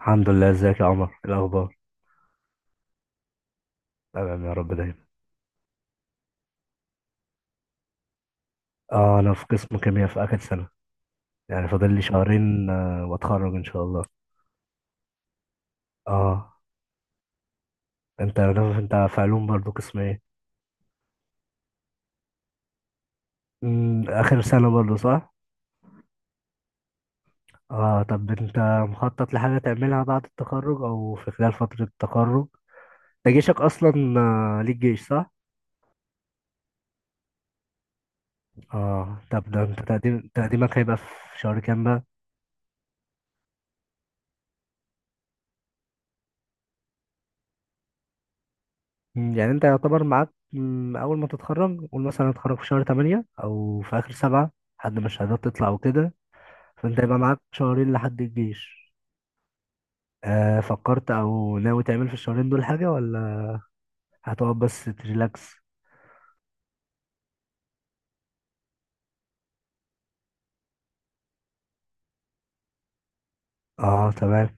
الحمد لله. ازيك يا عمر؟ إيه الاخبار؟ تمام يا رب دايما. اه، انا في قسم كيمياء في اخر سنه. يعني فاضل لي 2 شهرين واتخرج ان شاء الله. اه انت انت في علوم برضو قسم ايه؟ اخر سنه برضو صح؟ اه طب انت مخطط لحاجه تعملها بعد التخرج او في خلال فتره التخرج؟ ده جيشك اصلا. ليك جيش صح؟ اه طب ده انت تقديمك هيبقى في شهر كام بقى؟ يعني انت يعتبر معاك اول ما تتخرج قول مثلا هتخرج في شهر 8 او في اخر 7 لحد ما الشهادات تطلع وكده. فانت يبقى معاك 2 شهرين لحد الجيش. فكرت او ناوي تعمل في الـ2 شهرين دول حاجة ولا هتقعد بس تريلاكس؟ اه تمام.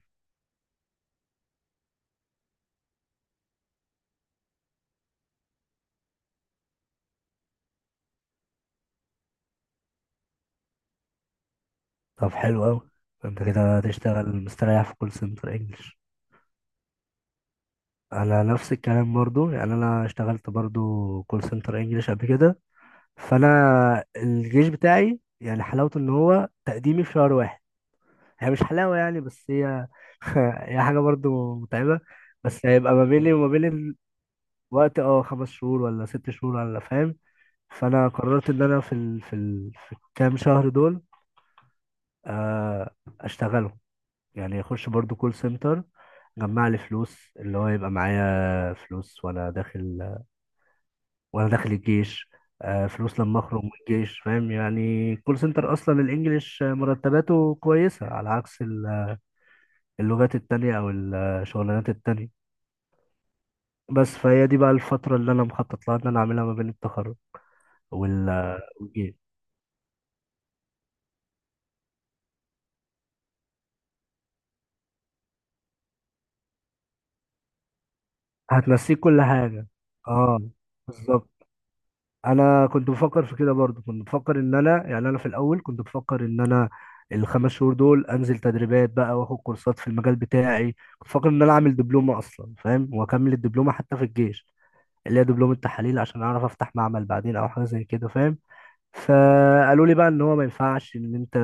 طب حلو اوي، انت كده هتشتغل مستريح في كول سنتر انجلش. انا نفس الكلام برضو، يعني انا اشتغلت برضو كول سنتر انجلش قبل كده. فانا الجيش بتاعي يعني حلاوته ان هو تقديمي في شهر 1. هي مش حلاوة يعني، بس هي هي حاجة برضو متعبة. بس هيبقى ما بيني وما بين الوقت، اه، 5 شهور ولا 6 شهور ولا، فاهم؟ فأنا قررت إن أنا في الكام شهر دول، آه، أشتغلهم. يعني أخش برضو كول سنتر، جمع لي فلوس اللي هو يبقى معايا فلوس وأنا داخل الجيش. فلوس لما أخرج من الجيش، فاهم؟ يعني كول سنتر أصلا الإنجليش مرتباته كويسة على عكس اللغات التانية أو الشغلانات التانية. بس فهي دي بقى الفترة اللي أنا مخطط لها إن أنا أعملها ما بين التخرج وال والجيش. هتنسيك كل حاجة. اه بالظبط. أنا كنت بفكر في كده برضو، كنت بفكر إن أنا، يعني أنا في الأول كنت بفكر إن أنا الـ5 شهور دول أنزل تدريبات بقى وآخد كورسات في المجال بتاعي. كنت بفكر إن أنا أعمل دبلومة أصلا، فاهم، وأكمل الدبلومة حتى في الجيش، اللي هي دبلومة تحاليل عشان أعرف أفتح معمل بعدين أو حاجة زي كده، فاهم. فقالوا لي بقى ان هو ما ينفعش ان انت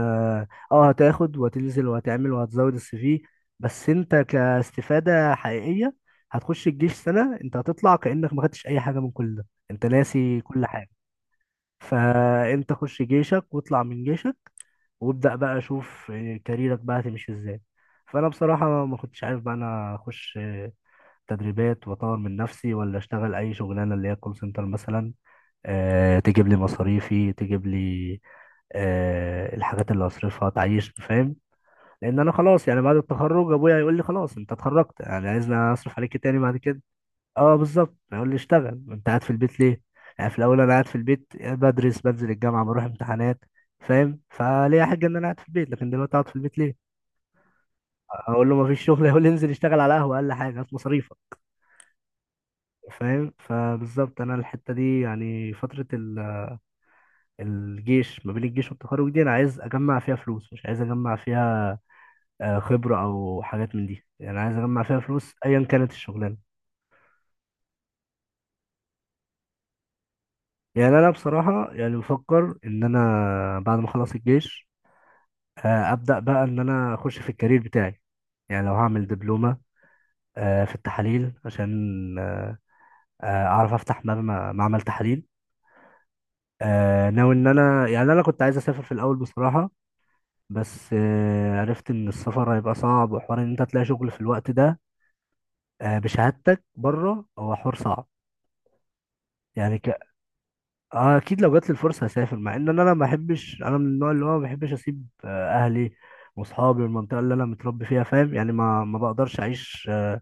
اه هتاخد وهتنزل وهتعمل وهتزود السي في، بس انت كاستفادة حقيقية هتخش الجيش 1 سنة انت هتطلع كأنك ما خدتش اي حاجة من كل ده، انت ناسي كل حاجة. فانت خش جيشك واطلع من جيشك وابدأ بقى شوف كاريرك بقى هتمشي ازاي. فانا بصراحة ما كنتش عارف بقى انا اخش تدريبات واطور من نفسي ولا اشتغل اي شغلانة اللي هي كول سنتر مثلا، تجيب لي مصاريفي، تجيب لي الحاجات اللي هصرفها تعيش، فاهم؟ لان انا خلاص يعني بعد التخرج ابويا هيقول لي خلاص انت اتخرجت، يعني عايزني اصرف عليك إيه تاني بعد كده؟ اه بالظبط، هيقول لي اشتغل انت قاعد في البيت ليه. يعني في الاول انا قاعد في البيت بدرس، بنزل الجامعه، بروح امتحانات، فاهم، فليه حاجه ان انا قاعد في البيت، لكن دلوقتي اقعد في البيت ليه؟ اقول له ما فيش شغل، يقول لي انزل اشتغل على قهوه، اقل حاجه هات مصاريفك، فاهم. فبالظبط انا الحته دي يعني فتره ال الجيش، ما بين الجيش والتخرج دي انا عايز اجمع فيها فلوس، مش عايز اجمع فيها خبرة او حاجات من دي، يعني عايز اجمع فيها فلوس ايا كانت الشغلانة. يعني انا بصراحة يعني بفكر ان انا بعد ما اخلص الجيش ابدا بقى ان انا اخش في الكارير بتاعي. يعني لو هعمل دبلومة في التحاليل عشان آه، اعرف افتح معمل تحاليل. ناوي ان انا، يعني انا كنت عايز اسافر في الاول بصراحة، بس عرفت ان السفر هيبقى صعب وحوار ان انت تلاقي شغل في الوقت ده بشهادتك بره، هو حوار صعب. يعني ك... آه اكيد لو جات لي الفرصه هسافر، مع ان انا ما بحبش، انا من النوع اللي هو ما بحبش اسيب اهلي واصحابي والمنطقه اللي انا متربي فيها، فاهم، يعني ما بقدرش اعيش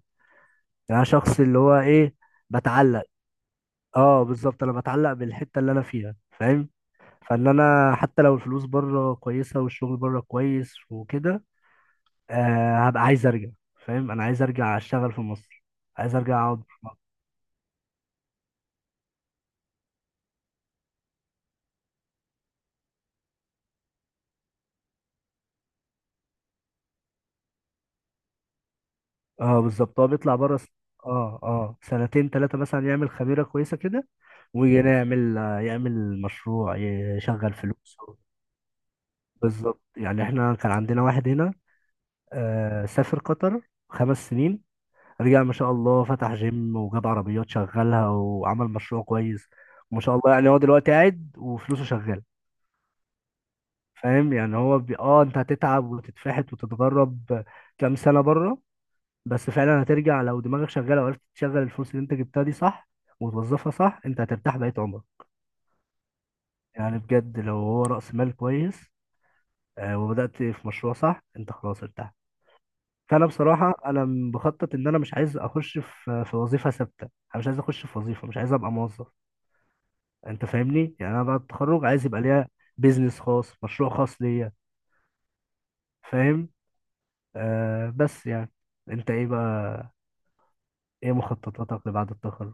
يعني انا شخص اللي هو ايه، بتعلق. اه بالظبط، انا بتعلق بالحته اللي انا فيها، فاهم. فان انا حتى لو الفلوس بره كويسه والشغل بره كويس وكده هبقى عايز ارجع، فاهم، انا عايز ارجع اشتغل في مصر، عايز ارجع اقعد. اه بالظبط. هو بيطلع بره اه، 2 3 مثلا، يعمل خميرة كويسة كده ويجي هنا يعمل يعمل مشروع، يشغل فلوسه. بالظبط. يعني احنا كان عندنا واحد هنا سافر قطر 5 سنين، رجع ما شاء الله فتح جيم وجاب عربيات شغلها وعمل مشروع كويس. ما شاء الله. يعني هو دلوقتي قاعد وفلوسه شغالة، فاهم. اه انت هتتعب وتتفحت وتتغرب كام سنة بره، بس فعلا هترجع لو دماغك شغاله وعرفت تشغل الفلوس اللي انت جبتها دي صح وتوظفها صح، انت هترتاح بقية عمرك. يعني بجد لو هو رأس مال كويس وبدأت في مشروع صح، انت خلاص ارتحت. فانا بصراحه انا بخطط ان انا مش عايز اخش في وظيفه ثابته، انا مش عايز اخش في وظيفه، مش عايز ابقى موظف. انت فاهمني؟ يعني انا بعد التخرج عايز يبقى ليا بيزنس خاص، مشروع خاص ليا، فاهم. بس يعني انت ايه بقى؟ ايه مخططاتك لبعد التخرج؟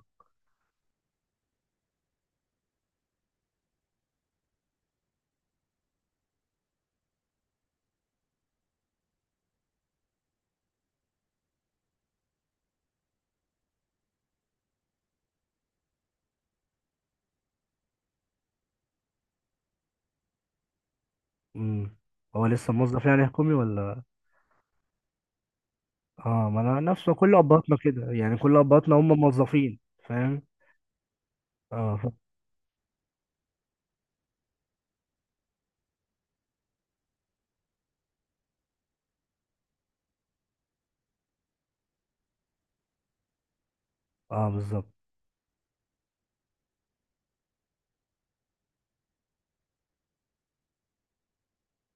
امم. هو لسه موظف يعني حكومي ولا؟ اه، ما انا نفسه. كل ابهاتنا كده، يعني كل ابهاتنا هم موظفين، فاهم. اه ف... اه بالظبط.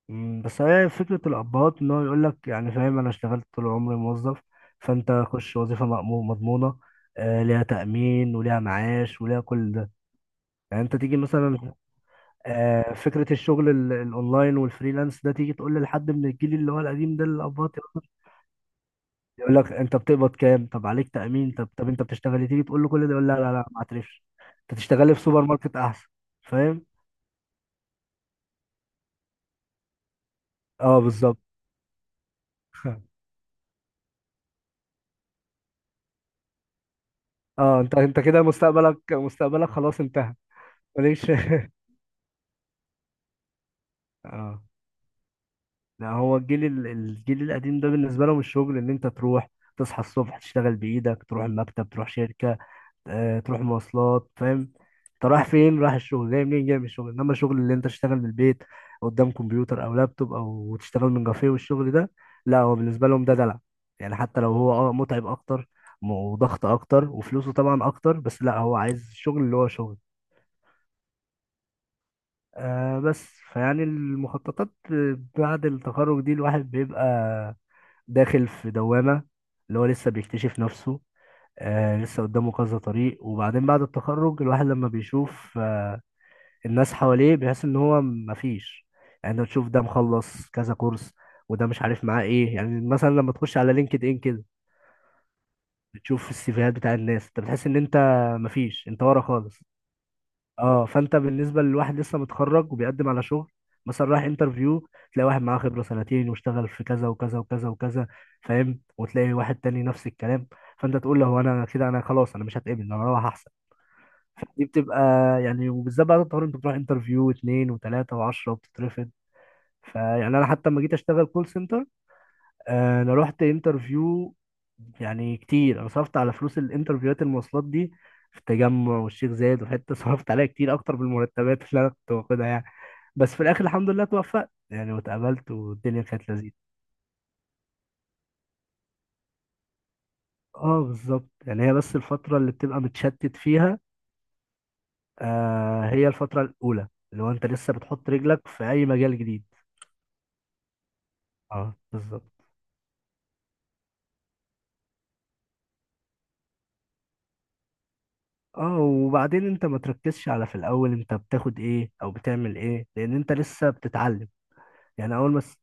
بس هي فكره الابهات ان هو يقول لك، يعني فاهم، انا اشتغلت طول عمري موظف، فانت خش وظيفه مضمونه ليها تامين وليها معاش وليها كل ده. يعني انت تيجي مثلا فكره الشغل الاونلاين والفريلانس ده، تيجي تقول لحد من الجيل اللي هو القديم ده، الابهات، يقول لك انت بتقبض كام؟ طب عليك تأمين؟ طب طب انت بتشتغل إيه؟ تيجي تقول له كل ده يقول لا لا لا ما اعترفش، انت تشتغل لي في سوبر ماركت احسن، فاهم. اه بالظبط. اه انت انت كده مستقبلك، مستقبلك خلاص انتهى. ماليش. اه. لا هو الجيل الجيل القديم ده بالنسبه لهم الشغل ان انت تروح تصحى الصبح تشتغل بايدك، تروح المكتب، تروح شركه، تروح مواصلات، فاهم، انت رايح فين؟ رايح الشغل. جاي منين؟ جاي من الشغل. انما الشغل اللي انت تشتغل من البيت قدام كمبيوتر او لابتوب او تشتغل من كافيه والشغل ده، لا هو بالنسبه لهم ده دلع. يعني حتى لو هو اه متعب اكتر وضغط اكتر وفلوسه طبعا اكتر، بس لا هو عايز الشغل اللي هو شغل. آه بس فيعني المخططات بعد التخرج دي الواحد بيبقى داخل في دوامة، اللي هو لسه بيكتشف نفسه، آه لسه قدامه كذا طريق. وبعدين بعد التخرج الواحد لما بيشوف آه الناس حواليه بيحس ان هو مفيش. يعني انت بتشوف ده مخلص كذا كورس وده مش عارف معاه ايه، يعني مثلا لما تخش على لينكد ان كده بتشوف السيفيهات بتاع الناس، انت بتحس ان انت مفيش، انت ورا خالص. اه فانت بالنسبه للواحد لسه متخرج وبيقدم على شغل، مثلا رايح انترفيو، تلاقي واحد معاه خبره 2 سنين واشتغل في كذا وكذا وكذا وكذا، فاهم، وتلاقي واحد تاني نفس الكلام، فانت تقول له هو انا كده انا خلاص انا مش هتقبل انا هروح. دي بتبقى يعني وبالذات بعد الطوارئ، انت بتروح انترفيو واثنين وثلاثه وعشرة وبتترفض. فيعني انا حتى لما جيت اشتغل كول سنتر انا رحت انترفيو يعني كتير، انا صرفت على فلوس الانترفيوهات المواصلات دي في التجمع والشيخ زايد وحته صرفت عليها كتير اكتر من المرتبات اللي انا كنت باخدها يعني. بس في الاخر الحمد لله توفقت يعني واتقبلت والدنيا كانت لذيذه. اه بالظبط. يعني هي بس الفتره اللي بتبقى متشتت فيها هي الفتره الاولى اللي هو انت لسه بتحط رجلك في اي مجال جديد. اه بالظبط. اه وبعدين انت ما تركزش على في الاول انت بتاخد ايه او بتعمل ايه، لان انت لسه بتتعلم. يعني اول ما س-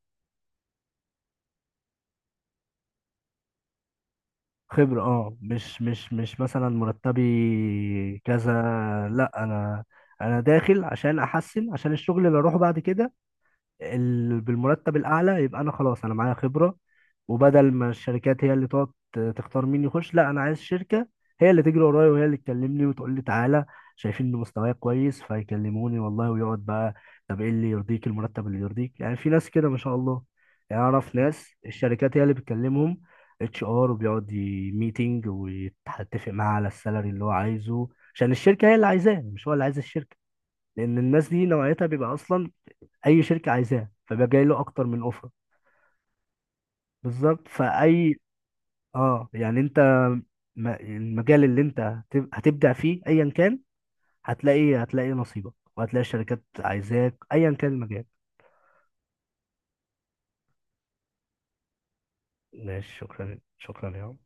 خبرة اه، مش مثلا مرتبي كذا، لا انا انا داخل عشان احسن، عشان الشغل اللي اروحه بعد كده بالمرتب الاعلى يبقى انا خلاص انا معايا خبره. وبدل ما الشركات هي اللي تقعد تختار مين يخش، لا انا عايز شركه هي اللي تجري ورايا وهي اللي تكلمني وتقول لي تعالى، شايفين ان مستواي كويس فيكلموني والله ويقعد بقى طب ايه اللي يرضيك، المرتب اللي يرضيك. يعني في ناس كده ما شاء الله، يعني اعرف ناس الشركات هي اللي بتكلمهم، اتش ار، وبيقعد ميتنج ويتفق معاه على السالري اللي هو عايزه، عشان الشركه هي اللي عايزاه مش هو اللي عايز الشركه، لان الناس دي نوعيتها بيبقى اصلا اي شركه عايزاه فبقى جاي له اكتر من اوفر. بالظبط. اه يعني انت المجال اللي انت هتبدع فيه ايا كان هتلاقي، هتلاقي نصيبك وهتلاقي الشركات عايزاك ايا كان المجال. ماشي، شكرا شكرا يا عم.